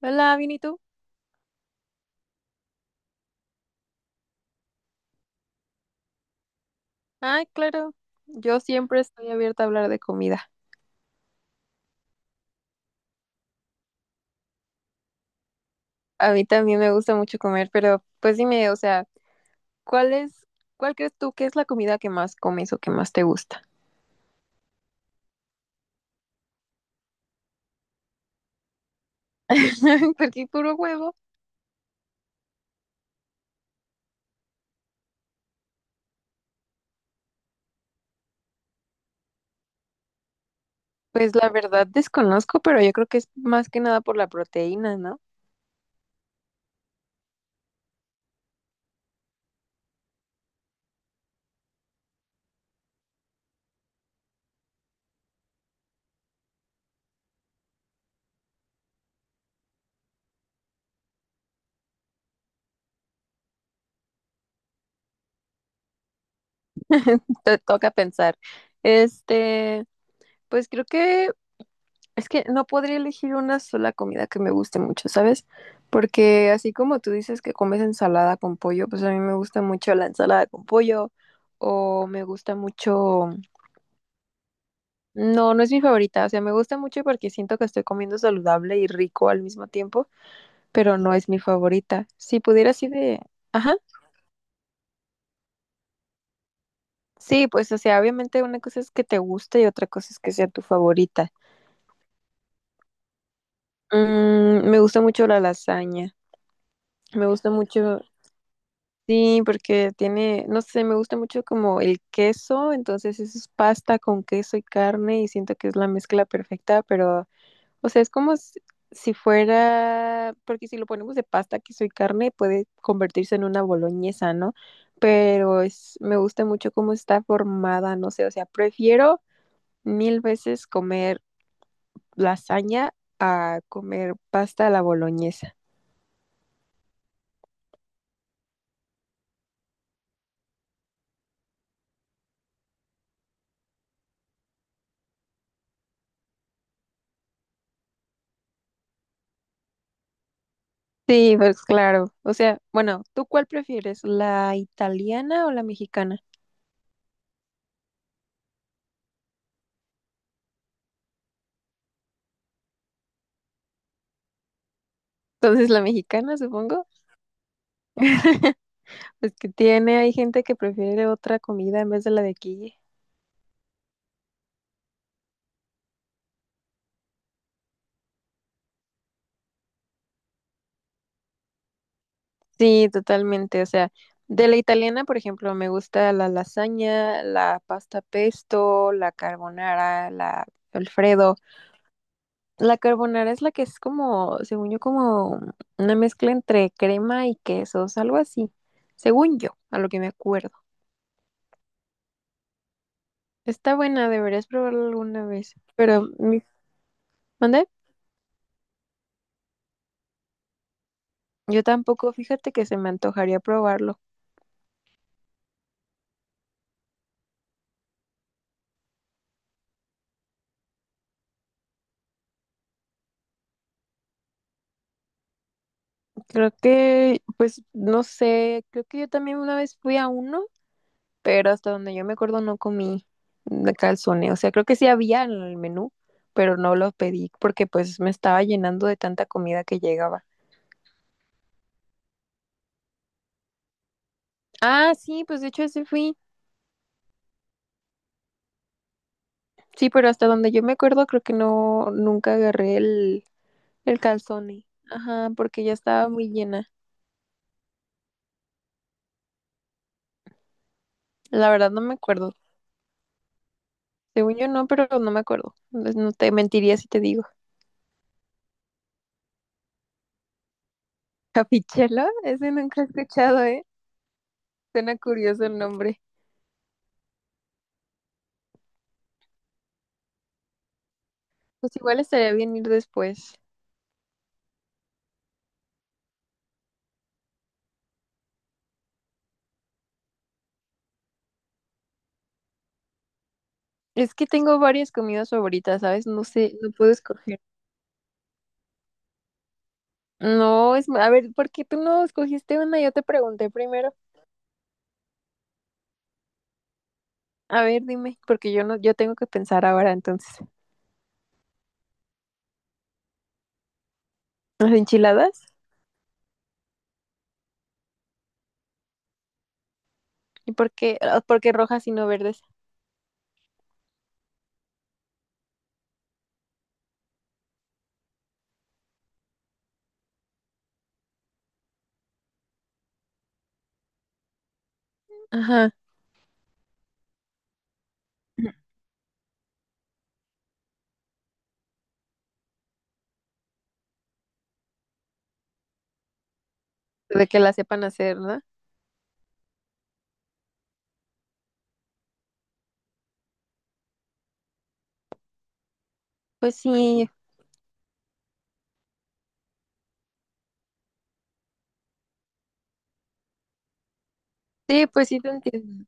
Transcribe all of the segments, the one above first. Hola, ¿bien y tú? Ay, claro, yo siempre estoy abierta a hablar de comida. A mí también me gusta mucho comer, pero pues dime, o sea, ¿cuál es, cuál crees tú que es la comida que más comes o que más te gusta? Porque puro huevo, pues la verdad desconozco, pero yo creo que es más que nada por la proteína, ¿no? Te toca pensar. Este, pues creo que es que no podría elegir una sola comida que me guste mucho, ¿sabes? Porque así como tú dices que comes ensalada con pollo, pues a mí me gusta mucho la ensalada con pollo o me gusta mucho... No, no es mi favorita, o sea, me gusta mucho porque siento que estoy comiendo saludable y rico al mismo tiempo, pero no es mi favorita. Si pudiera así de... Ajá. Sí, pues o sea, obviamente una cosa es que te guste y otra cosa es que sea tu favorita. Mm, me gusta mucho la lasaña. Me gusta mucho. Sí, porque tiene, no sé, me gusta mucho como el queso, entonces eso es pasta con queso y carne y siento que es la mezcla perfecta, pero, o sea, es como si si fuera, porque si lo ponemos de pasta, queso y carne puede convertirse en una boloñesa, ¿no? Pero es, me gusta mucho cómo está formada, no sé, o sea, prefiero mil veces comer lasaña a comer pasta a la boloñesa. Sí, pues claro. O sea, bueno, ¿tú cuál prefieres, la italiana o la mexicana? Entonces, la mexicana, supongo, pues que tiene, hay gente que prefiere otra comida en vez de la de aquí. Sí, totalmente. O sea, de la italiana, por ejemplo, me gusta la lasaña, la pasta pesto, la carbonara, la Alfredo. La carbonara es la que es como, según yo, como una mezcla entre crema y quesos, algo así, según yo, a lo que me acuerdo. Está buena, deberías probarlo alguna vez. Pero, ¿mande? Yo tampoco, fíjate que se me antojaría probarlo. Creo que, pues, no sé, creo que yo también una vez fui a uno, pero hasta donde yo me acuerdo no comí de calzone. O sea, creo que sí había en el menú, pero no lo pedí porque pues me estaba llenando de tanta comida que llegaba. Ah, sí, pues de hecho ese fui. Sí, pero hasta donde yo me acuerdo creo que no, nunca agarré el calzone. Ajá, porque ya estaba muy llena. La verdad no me acuerdo. Según yo no, pero no me acuerdo. No, no te mentiría si te digo. Capichela, ese nunca he escuchado, ¿eh? Suena curioso el nombre. Pues igual estaría bien ir después. Es que tengo varias comidas favoritas, ¿sabes? No sé, no puedo escoger. No, es, a ver, ¿por qué tú no escogiste una? Yo te pregunté primero. A ver, dime, porque yo no, yo tengo que pensar ahora entonces. ¿Las enchiladas? ¿Y por qué? Ah, ¿por qué rojas y no verdes? Ajá. De que las sepan hacer, ¿no? Pues sí, sí, pues sí te entiendo.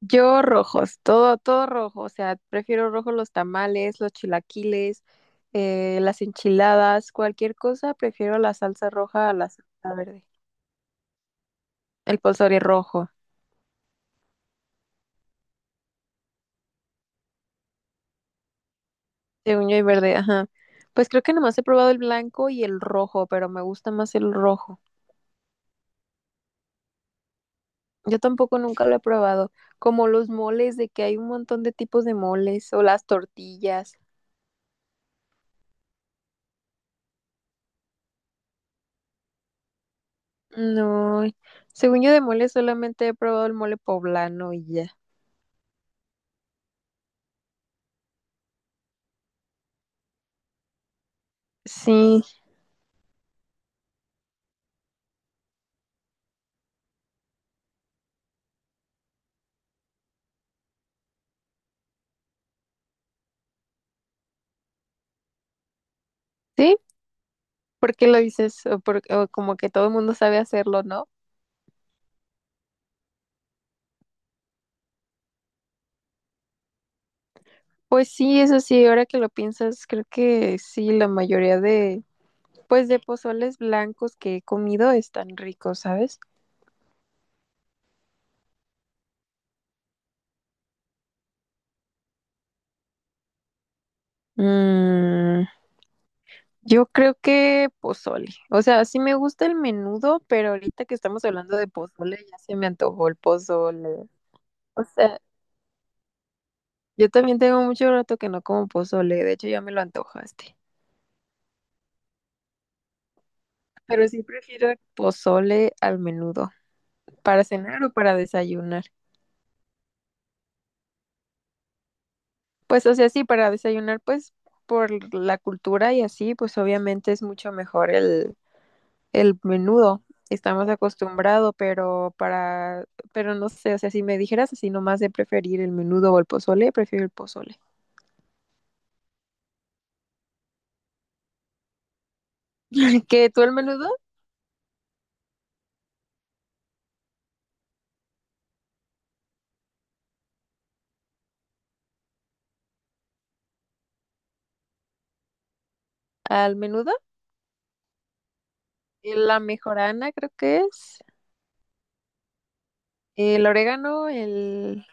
Yo rojos, todo, todo rojo, o sea, prefiero rojo los tamales, los chilaquiles, las enchiladas, cualquier cosa, prefiero la salsa roja a la salsa verde. El pozole rojo, según yo y verde, ajá. Pues creo que nomás he probado el blanco y el rojo, pero me gusta más el rojo. Yo tampoco nunca lo he probado, como los moles, de que hay un montón de tipos de moles, o las tortillas. No, según yo de mole solamente he probado el mole poblano y ya. Sí. Sí, ¿por qué lo dices? O, o como que todo el mundo sabe hacerlo, ¿no? Pues sí, eso sí, ahora que lo piensas, creo que sí, la mayoría de, pues de pozoles blancos que he comido están ricos, ¿sabes? Mm, yo creo que pozole. O sea, sí me gusta el menudo, pero ahorita que estamos hablando de pozole, ya se me antojó el pozole. O sea, yo también tengo mucho rato que no como pozole, de hecho ya me lo antojaste. Pero sí prefiero el pozole al menudo, para cenar o para desayunar. Pues, o sea, sí, para desayunar, pues, por la cultura y así, pues obviamente es mucho mejor el menudo. Estamos acostumbrados, pero para, pero no sé, o sea, si me dijeras así nomás de preferir el menudo o el pozole, prefiero el pozole. ¿Que tú el menudo? Al menudo, la mejorana creo que es, el orégano, el...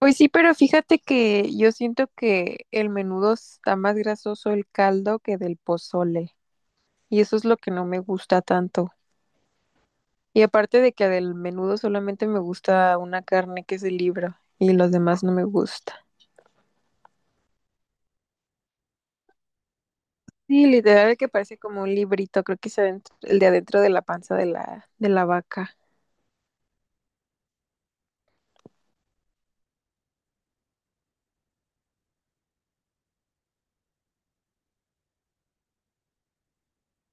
Pues sí, pero fíjate que yo siento que el menudo está más grasoso el caldo que del pozole, y eso es lo que no me gusta tanto. Y aparte de que del menudo solamente me gusta una carne que es el libro y los demás no me gusta. Sí, literal que parece como un librito, creo que es adentro- el de adentro de la panza de de la vaca.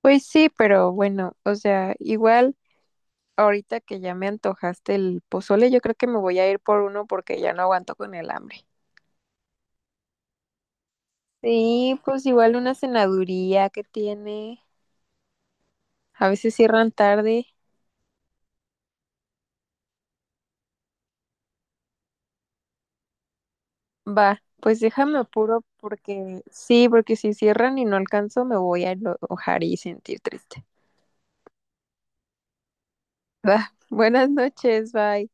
Pues sí, pero bueno, o sea, igual ahorita que ya me antojaste el pozole, yo creo que me voy a ir por uno porque ya no aguanto con el hambre. Sí, pues igual una cenaduría que tiene. A veces cierran tarde. Va, pues déjame apuro porque sí, porque si cierran y no alcanzo me voy a enojar y sentir triste. Va, buenas noches, bye.